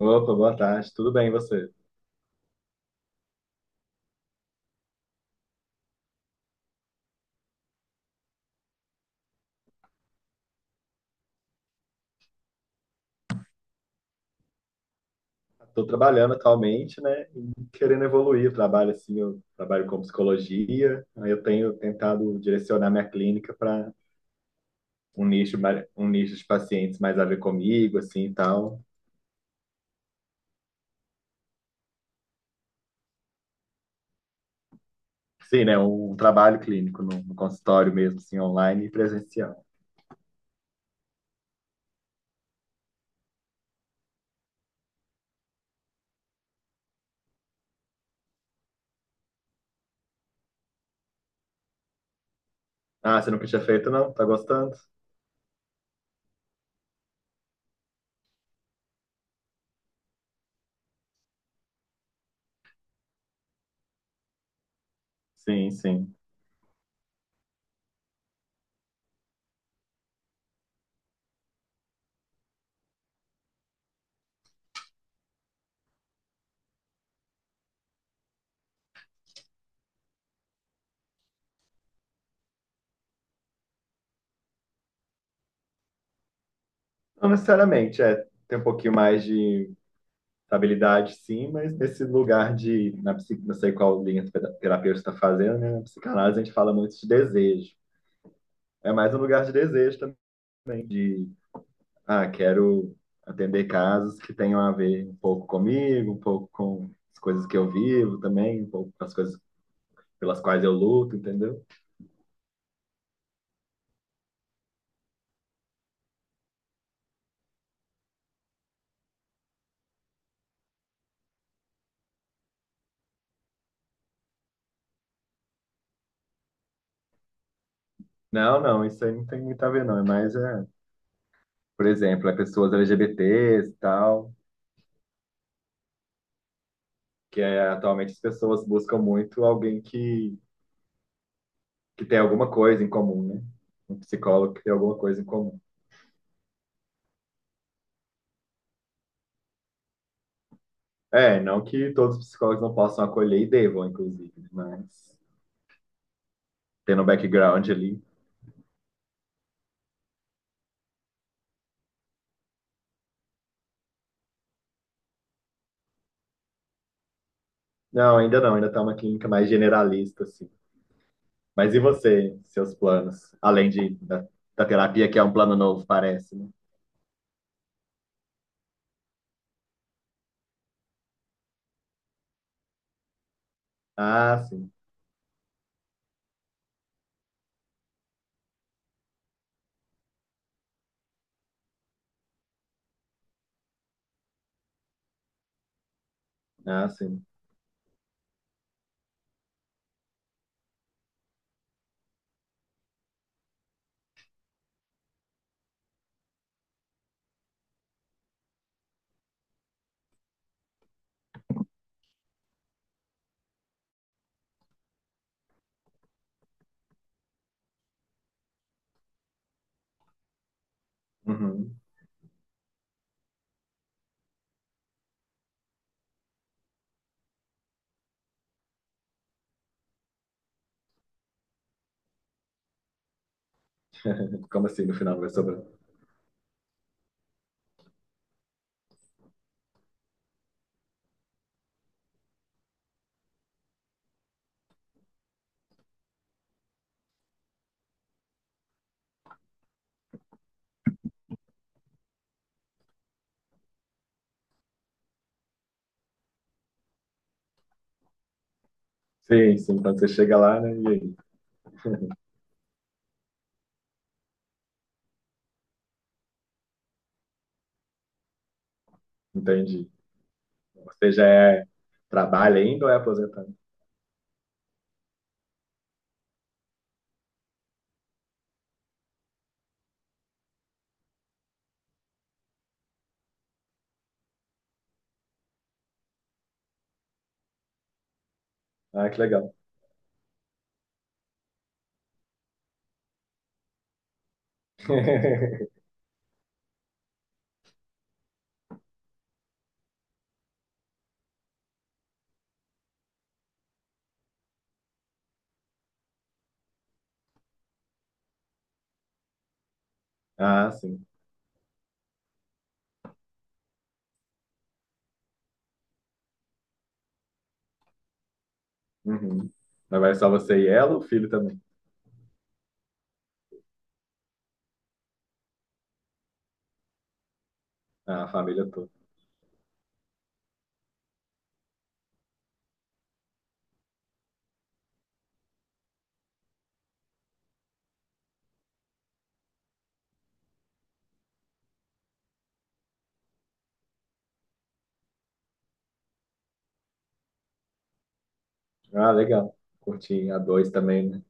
Opa, boa tarde, tudo bem e você? Estou trabalhando atualmente, né, e querendo evoluir o trabalho, assim, eu trabalho com psicologia, aí eu tenho tentado direcionar minha clínica para um nicho, um nicho de pacientes mais a ver comigo, assim, e tal. Sim, né, um trabalho clínico no consultório mesmo, assim, online e presencial. Ah, você nunca tinha feito, não? Tá gostando? Sim, sim. Não necessariamente, é, tem um pouquinho mais de estabilidade, sim, mas nesse lugar de, na, não sei qual linha o terapeuta está fazendo, né? Na psicanálise a gente fala muito de desejo. É mais um lugar de desejo também, de, ah, quero atender casos que tenham a ver um pouco comigo, um pouco com as coisas que eu vivo também, um pouco com as coisas pelas quais eu luto, entendeu? Não, não, isso aí não tem muito a ver, não. É mais, é, por exemplo, é pessoas LGBTs e tal, que é, atualmente as pessoas buscam muito alguém que tem alguma coisa em comum, né? Um psicólogo que tem alguma coisa em comum. É, não que todos os psicólogos não possam acolher e devam, inclusive, mas tendo um background ali. Não, ainda não, ainda tá uma clínica mais generalista, assim. Mas e você, seus planos? Da terapia, que é um plano novo, parece, né? Ah, sim. Ah, sim. Uhum. Como assim, no final vai sobrar? Sim, sim, quando você chega lá, né? E aí? Entendi. Você já é, trabalha ainda ou é aposentado? Ah, que legal. Ah, sim. Uhum. Mas vai só você e ela, ou o filho também? Ah, a família toda. Ah, legal. Curtinho, a dois também, né?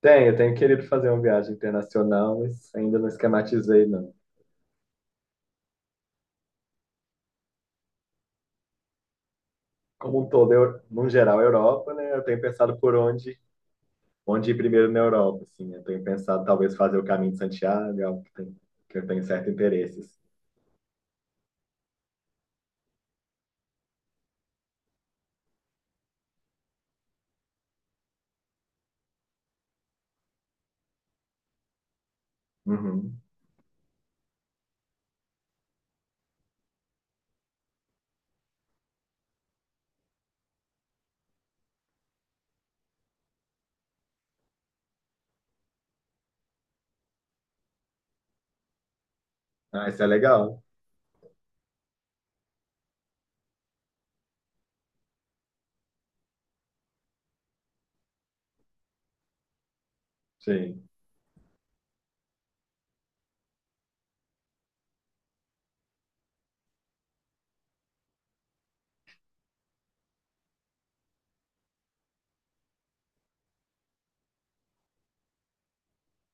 Tem, eu tenho querido fazer uma viagem internacional, mas ainda não esquematizei, não. Como um todo, eu, no geral, a Europa, né? Eu tenho pensado por onde, onde ir primeiro na Europa, assim. Eu tenho pensado talvez fazer o caminho de Santiago, é algo que, tem, que eu tenho certo interesse. Assim. Uhum. Ah, isso é legal. Sim.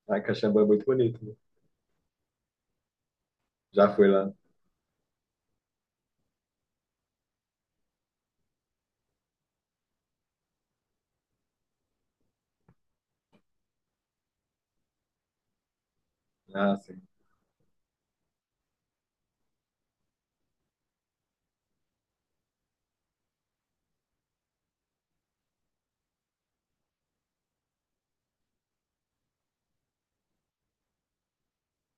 Ah, Caxambu é muito bonito, né? Já fui lá. Ah, sim.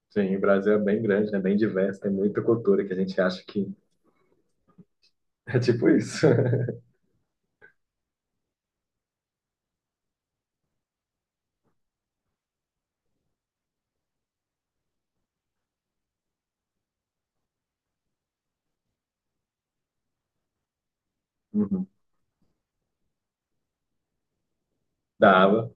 Sim, o Brasil é bem grande, né? Bem diverso, tem muita cultura que a gente acha que é tipo isso. Uhum. Dava,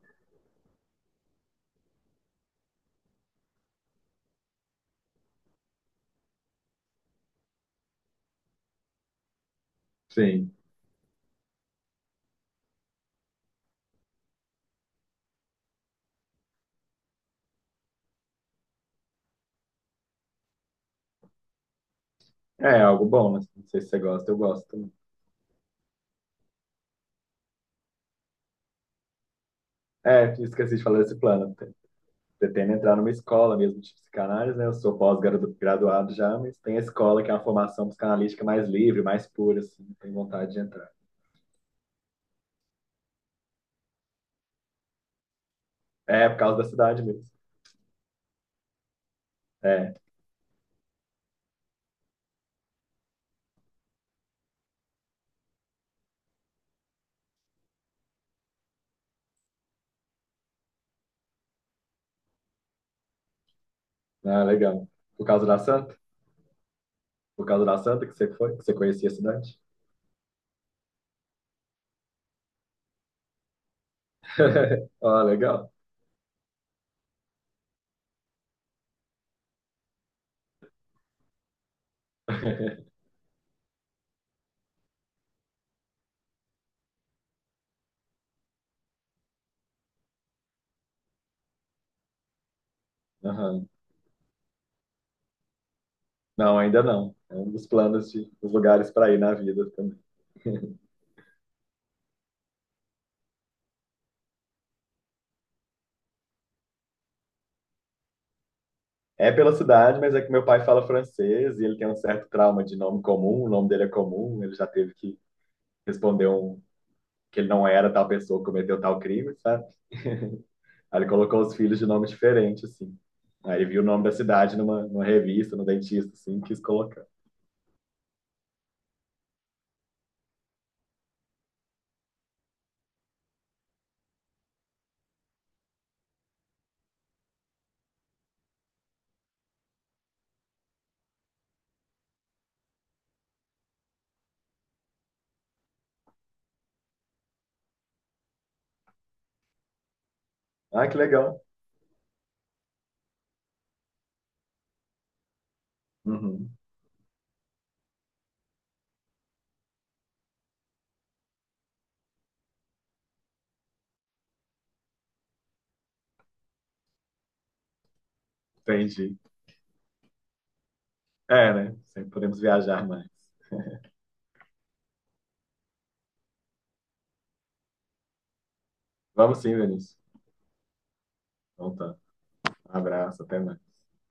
sim. É é algo bom, né? Não sei se você gosta, eu gosto também. É, esqueci de falar desse plano. Pretendo entrar numa escola mesmo de psicanálise, né? Eu sou pós-graduado já, mas tem a escola que é uma formação psicanalítica mais livre, mais pura, assim. Tenho vontade de entrar. É, por causa da cidade mesmo. É, ah, legal. Por causa da Santa? Por causa da Santa que você foi, que você conhecia a cidade? Ah, legal. Aham. Não, ainda não. É um dos planos de, dos lugares para ir na vida também. É pela cidade, mas é que meu pai fala francês e ele tem um certo trauma de nome comum, o nome dele é comum, ele já teve que responder um que ele não era tal pessoa, cometeu tal crime, sabe? Aí ele colocou os filhos de nome diferente, assim. Aí ele viu o nome da cidade numa revista, no dentista, assim, e quis colocar. Ah, que legal. Uhum, entendi. É, né? Sempre podemos viajar mais. Vamos sim, Vinícius. Então tá. Um abraço, até mais.